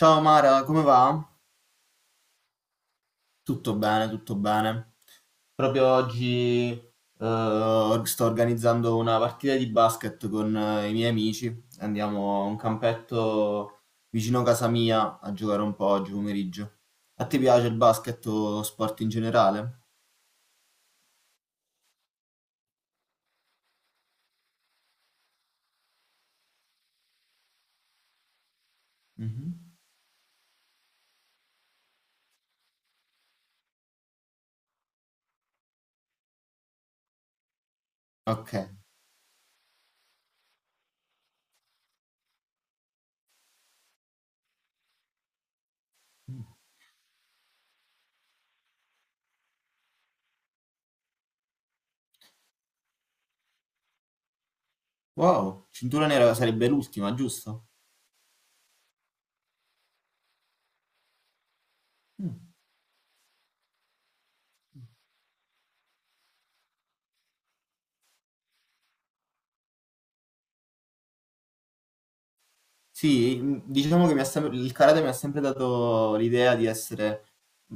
Ciao Mara, come va? Tutto bene, tutto bene. Proprio oggi sto organizzando una partita di basket con i miei amici. Andiamo a un campetto vicino a casa mia a giocare un po' oggi pomeriggio. A te piace il basket o lo sport in generale? Mhm. Ok. Wow, cintura nera sarebbe l'ultima, giusto? Sì, diciamo che il karate mi ha sempre dato l'idea di essere,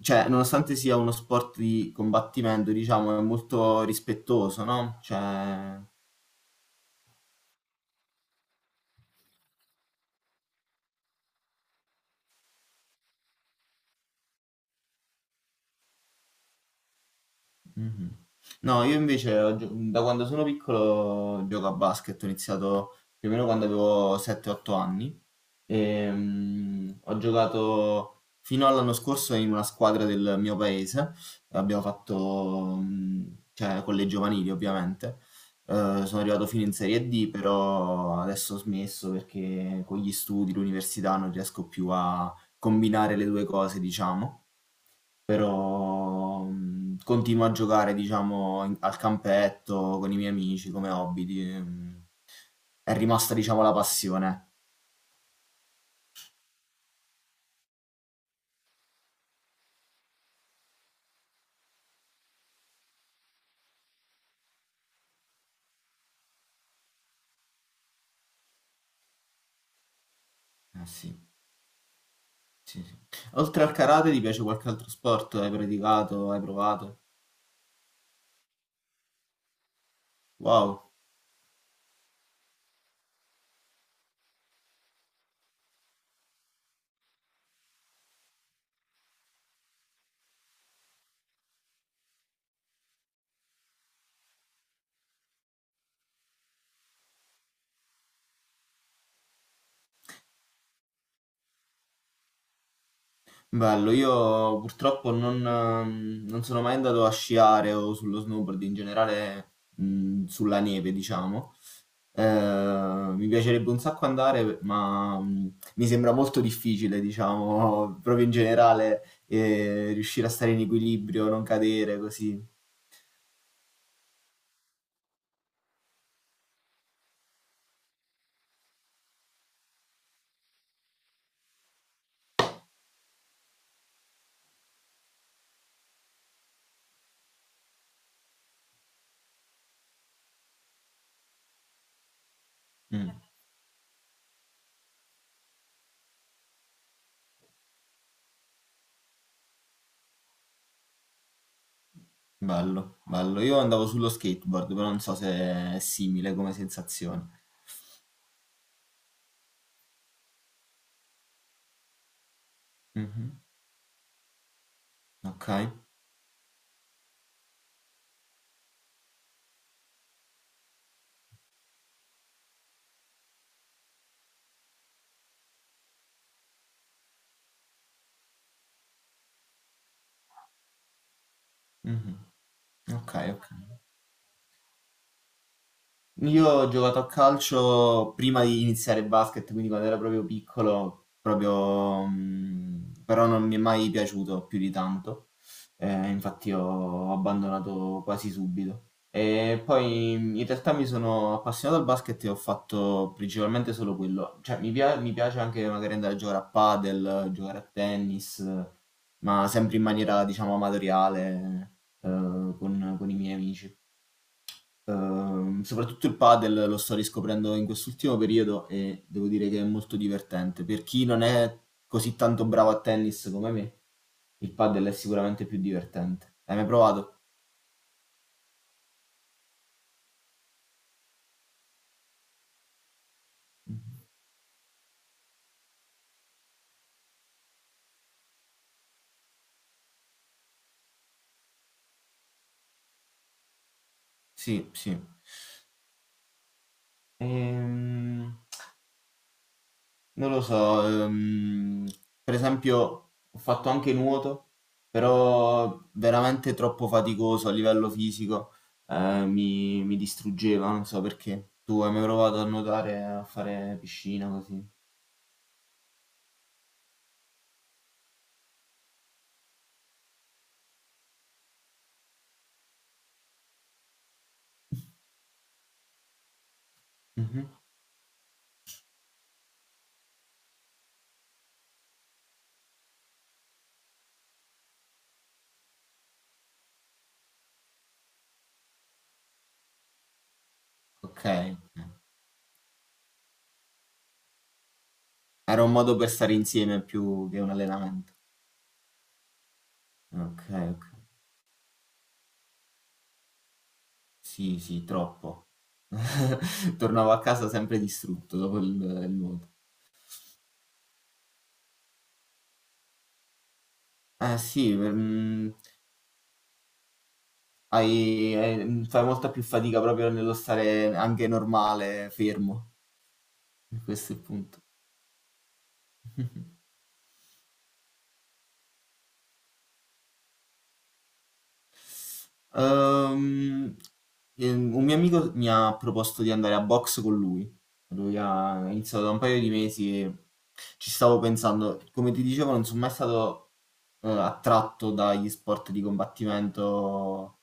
cioè, nonostante sia uno sport di combattimento, diciamo, è molto rispettoso, no? Cioè, mh-mh. No, io invece ho gio da quando sono piccolo gioco a basket, ho iniziato più o meno quando avevo 7, 8 anni. Ho giocato fino all'anno scorso in una squadra del mio paese, abbiamo fatto, cioè con le giovanili ovviamente. Sono arrivato fino in Serie D, però adesso ho smesso perché con gli studi, l'università non riesco più a combinare le 2 cose, diciamo, però continuo a giocare, diciamo, in- al campetto con i miei amici come hobby. È rimasta, diciamo, la passione. Eh sì, sì, sì. Oltre al karate, ti piace qualche altro sport? Hai praticato? Hai provato? Wow. Bello, io purtroppo non sono mai andato a sciare o sullo snowboard in generale, sulla neve, diciamo. Mi piacerebbe un sacco andare, ma mi sembra molto difficile, diciamo, proprio in generale, riuscire a stare in equilibrio, non cadere così. Mm, bello, bello. Io andavo sullo skateboard, però non so se è simile come sensazione. Mhm, ok, mhm, ok, ok. Io ho giocato a calcio prima di iniziare il basket, quindi quando ero proprio piccolo, proprio, però non mi è mai piaciuto più di tanto. Infatti ho abbandonato quasi subito. E poi in realtà mi sono appassionato al basket e ho fatto principalmente solo quello. Cioè, mi piace anche magari andare a giocare a padel, giocare a tennis, ma sempre in maniera, diciamo, amatoriale, eh, con i miei amici. Soprattutto il padel lo sto riscoprendo in quest'ultimo periodo e devo dire che è molto divertente. Per chi non è così tanto bravo a tennis come me, il padel è sicuramente più divertente. Hai mai provato? Sì, sì. Ehm, Non lo so, per esempio ho fatto anche nuoto, però veramente troppo faticoso a livello fisico, mi distruggeva, non so perché. Tu hai mai provato a nuotare, a fare piscina così? Mhm. Ok, ok. Era un modo per stare insieme più che un allenamento. Ok, ok. Sì, sì, troppo. Tornavo a casa sempre distrutto dopo il nuoto. Ah sì, fai molta più fatica proprio nello stare anche normale, fermo. Questo è il punto. Ehm, un mio amico mi ha proposto di andare a box con lui. Lui ha iniziato da un paio di mesi e ci stavo pensando. Come ti dicevo, non sono mai stato attratto dagli sport di combattimento.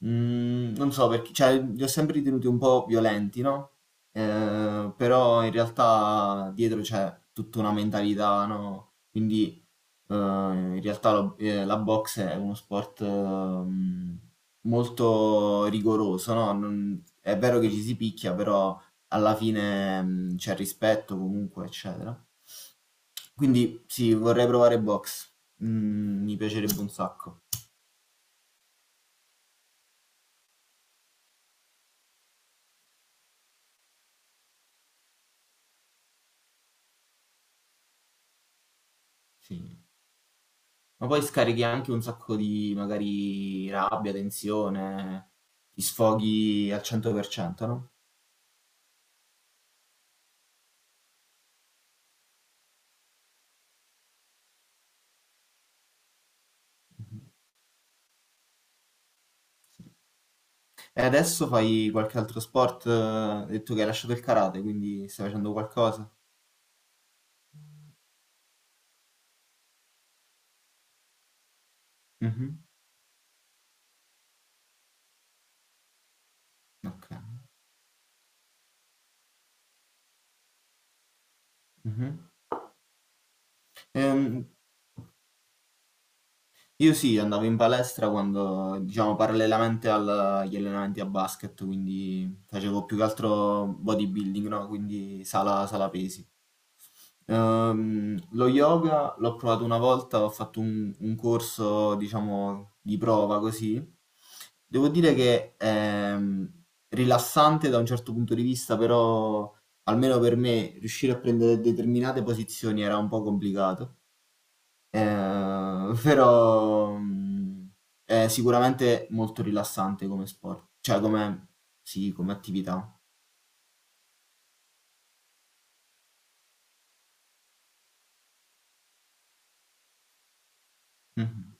Non so perché, cioè li ho sempre ritenuti un po' violenti, no, però in realtà dietro c'è tutta una mentalità, no, quindi, in realtà lo la box è uno sport, molto rigoroso, no, non è vero che ci si picchia, però alla fine, c'è rispetto comunque, eccetera. Quindi sì, vorrei provare box. Mi piacerebbe un sacco, sì. Ma poi scarichi anche un sacco di magari rabbia, tensione, ti sfoghi al 100%, no? E adesso fai qualche altro sport, hai detto che hai lasciato il karate, quindi stai facendo qualcosa? Mhm. Ok. Mhm. Ehm, io sì, andavo in palestra quando, diciamo, parallelamente agli allenamenti a basket, quindi facevo più che altro bodybuilding, no? Quindi sala pesi. Lo yoga l'ho provato una volta, ho fatto un corso, diciamo, di prova così. Devo dire che è ehm, rilassante da un certo punto di vista, però almeno per me riuscire a prendere determinate posizioni era un po' complicato. Eh, però è sicuramente molto rilassante come sport, sì, come attività. Mhm.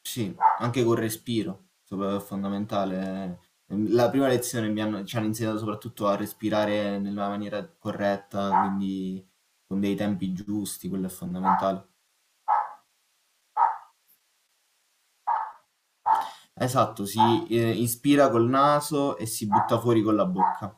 Sì, anche col respiro, è fondamentale. La prima lezione ci hanno insegnato soprattutto a respirare nella maniera corretta, quindi con dei tempi giusti, quello è fondamentale. Esatto, si ispira col naso e si butta fuori con la bocca.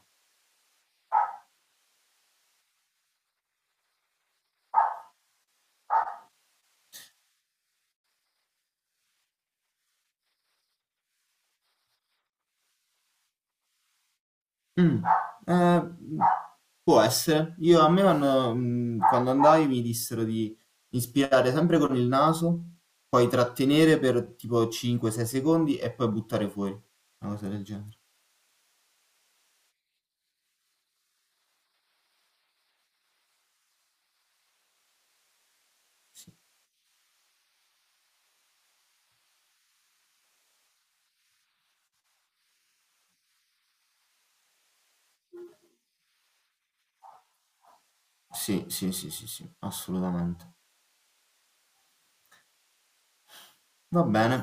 Mm, eh, Può essere. Io a me vanno- mm, quando andai mi dissero di inspirare sempre con il naso, poi trattenere per tipo 5-6 secondi e poi buttare fuori, una cosa del genere. Sì, sì, sì, sì, sì, sì, assolutamente. Va bene.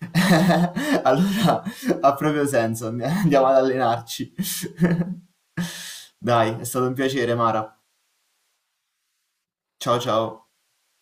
Allora ha proprio senso, andiamo ad allenarci. Dai, è stato un piacere, Mara. Ciao ciao.